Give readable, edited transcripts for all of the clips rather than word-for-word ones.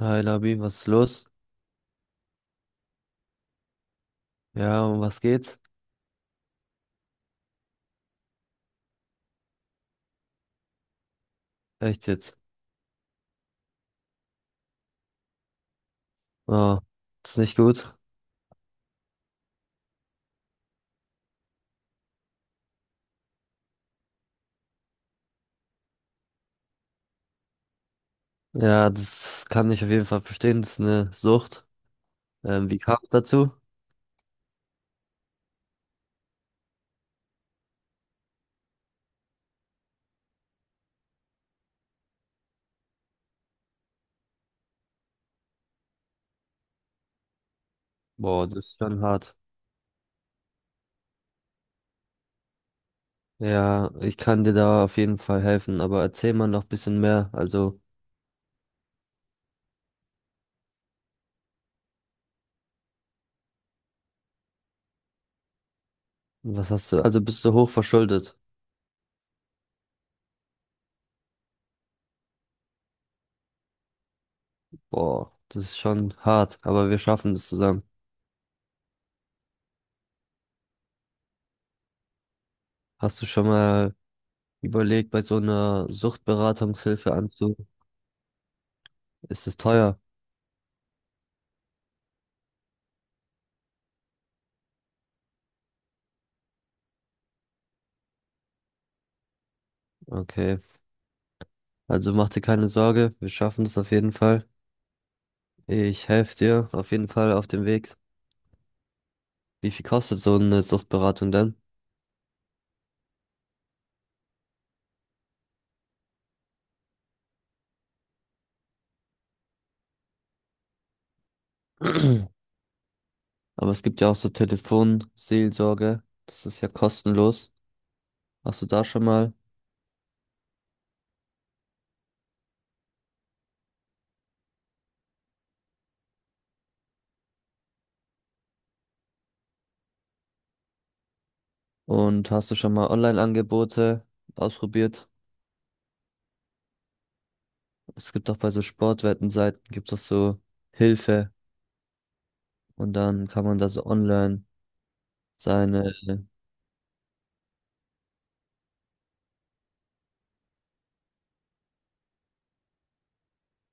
Hi Labi, was ist los? Ja, um was geht's? Echt jetzt? Oh, das ist nicht gut. Ja, das kann ich auf jeden Fall verstehen. Das ist eine Sucht. Wie kam es dazu? Boah, das ist schon hart. Ja, ich kann dir da auf jeden Fall helfen, aber erzähl mal noch ein bisschen mehr. Also, was hast du? Also bist du hochverschuldet? Boah, das ist schon hart, aber wir schaffen das zusammen. Hast du schon mal überlegt, bei so einer Suchtberatungshilfe anzu? Ist es teuer? Okay. Also mach dir keine Sorge, wir schaffen das auf jeden Fall. Ich helfe dir auf jeden Fall auf dem Weg. Wie viel kostet so eine Suchtberatung denn? Aber es gibt ja auch so Telefonseelsorge, das ist ja kostenlos. Hast du da schon mal und hast du schon mal Online-Angebote ausprobiert? Es gibt auch bei so Sportwettenseiten gibt es so Hilfe und dann kann man da so online seine.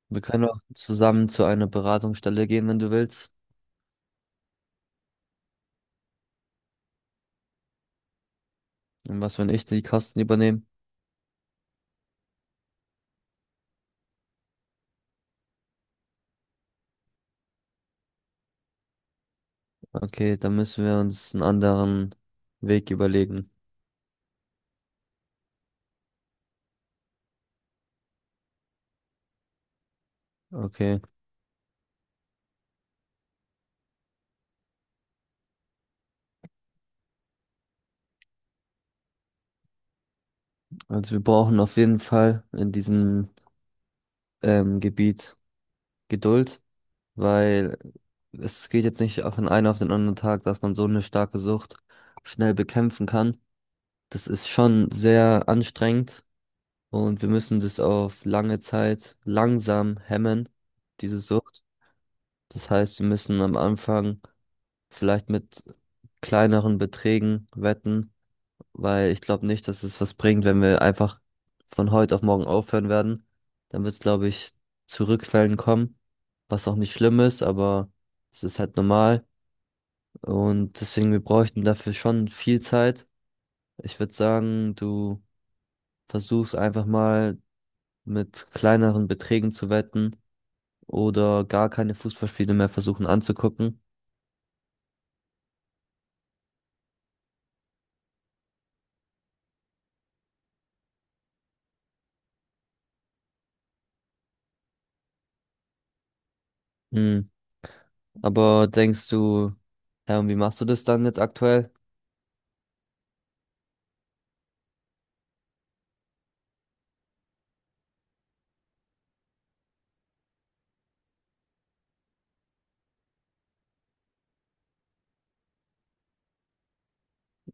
Wir können auch zusammen zu einer Beratungsstelle gehen, wenn du willst. Und was, wenn ich die Kosten übernehme? Okay, dann müssen wir uns einen anderen Weg überlegen. Okay, also wir brauchen auf jeden Fall in diesem Gebiet Geduld, weil es geht jetzt nicht auf den einen auf den anderen Tag, dass man so eine starke Sucht schnell bekämpfen kann. Das ist schon sehr anstrengend und wir müssen das auf lange Zeit langsam hemmen, diese Sucht. Das heißt, wir müssen am Anfang vielleicht mit kleineren Beträgen wetten, weil ich glaube nicht, dass es was bringt, wenn wir einfach von heute auf morgen aufhören werden. Dann wird es, glaube ich, zu Rückfällen kommen, was auch nicht schlimm ist, aber es ist halt normal. Und deswegen, wir bräuchten dafür schon viel Zeit. Ich würde sagen, du versuchst einfach mal mit kleineren Beträgen zu wetten oder gar keine Fußballspiele mehr versuchen anzugucken. Hm. Aber denkst du, ja, und wie machst du das dann jetzt aktuell?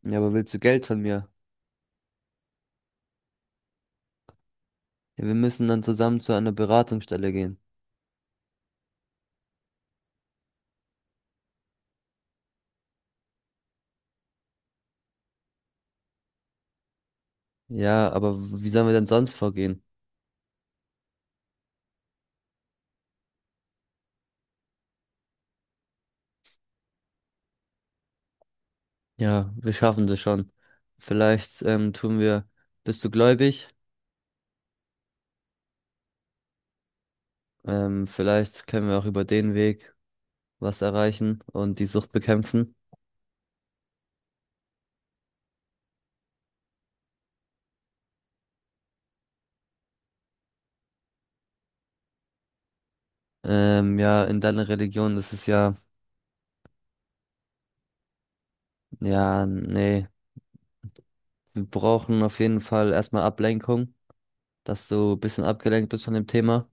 Ja, aber willst du Geld von mir? Ja, wir müssen dann zusammen zu einer Beratungsstelle gehen. Ja, aber wie sollen wir denn sonst vorgehen? Ja, wir schaffen das schon. Vielleicht tun wir, bist du gläubig? Vielleicht können wir auch über den Weg was erreichen und die Sucht bekämpfen. Ja, in deiner Religion ist es ja, ja, nee, wir brauchen auf jeden Fall erstmal Ablenkung, dass du ein bisschen abgelenkt bist von dem Thema.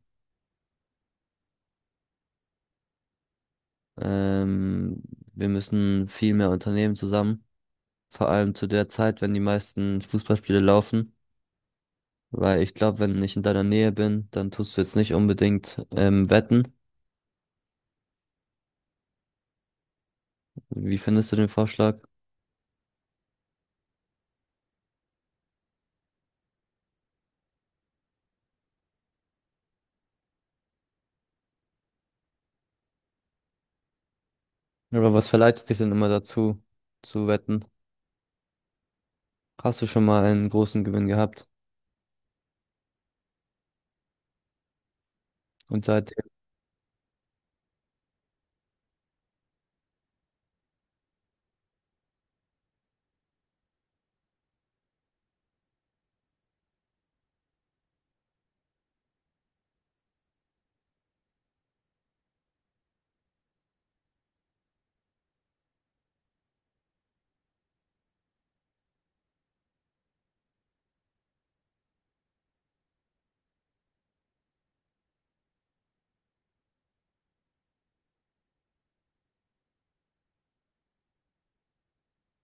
Ähm, wir müssen viel mehr unternehmen zusammen. Vor allem zu der Zeit, wenn die meisten Fußballspiele laufen. Weil ich glaube, wenn ich in deiner Nähe bin, dann tust du jetzt nicht unbedingt wetten. Wie findest du den Vorschlag? Aber was verleitet dich denn immer dazu, zu wetten? Hast du schon mal einen großen Gewinn gehabt? Und seitdem,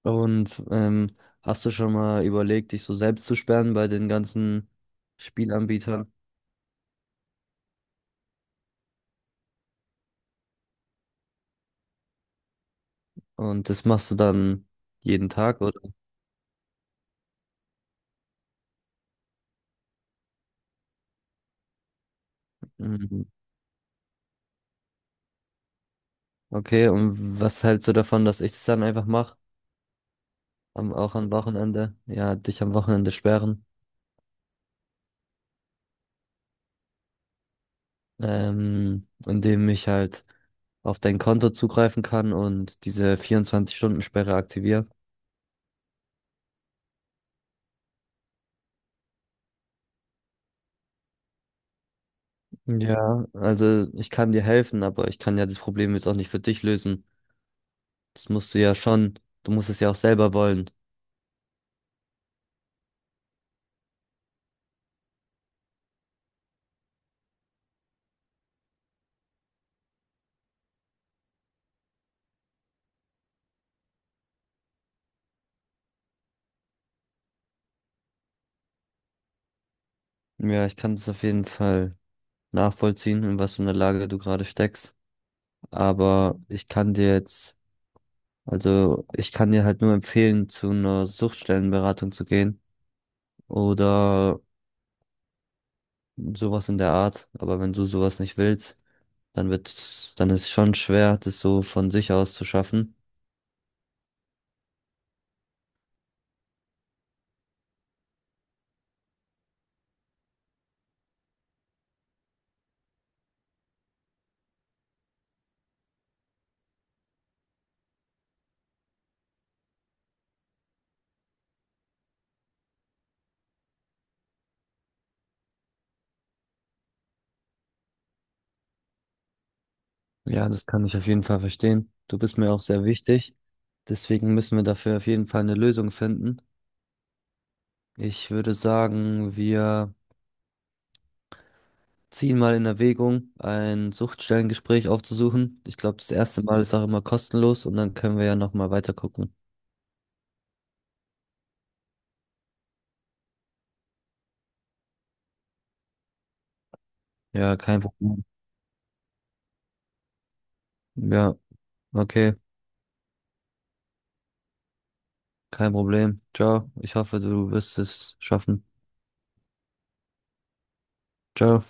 und hast du schon mal überlegt, dich so selbst zu sperren bei den ganzen Spielanbietern? Und das machst du dann jeden Tag, oder? Mhm. Okay, und was hältst du davon, dass ich das dann einfach mache? Am, auch am Wochenende. Ja, dich am Wochenende sperren. Indem ich halt auf dein Konto zugreifen kann und diese 24-Stunden-Sperre aktiviere. Ja, also ich kann dir helfen, aber ich kann ja das Problem jetzt auch nicht für dich lösen. Das musst du ja schon, du musst es ja auch selber wollen. Ja, ich kann es auf jeden Fall nachvollziehen, in was für einer Lage du gerade steckst. Aber ich kann dir jetzt, also ich kann dir halt nur empfehlen, zu einer Suchtstellenberatung zu gehen oder sowas in der Art. Aber wenn du sowas nicht willst, dann wird's, dann ist es schon schwer, das so von sich aus zu schaffen. Ja, das kann ich auf jeden Fall verstehen. Du bist mir auch sehr wichtig. Deswegen müssen wir dafür auf jeden Fall eine Lösung finden. Ich würde sagen, wir ziehen mal in Erwägung, ein Suchtstellengespräch aufzusuchen. Ich glaube, das erste Mal ist auch immer kostenlos und dann können wir ja nochmal weiter gucken. Ja, kein Problem. Ja, okay, kein Problem. Ciao. Ich hoffe, du wirst es schaffen. Ciao.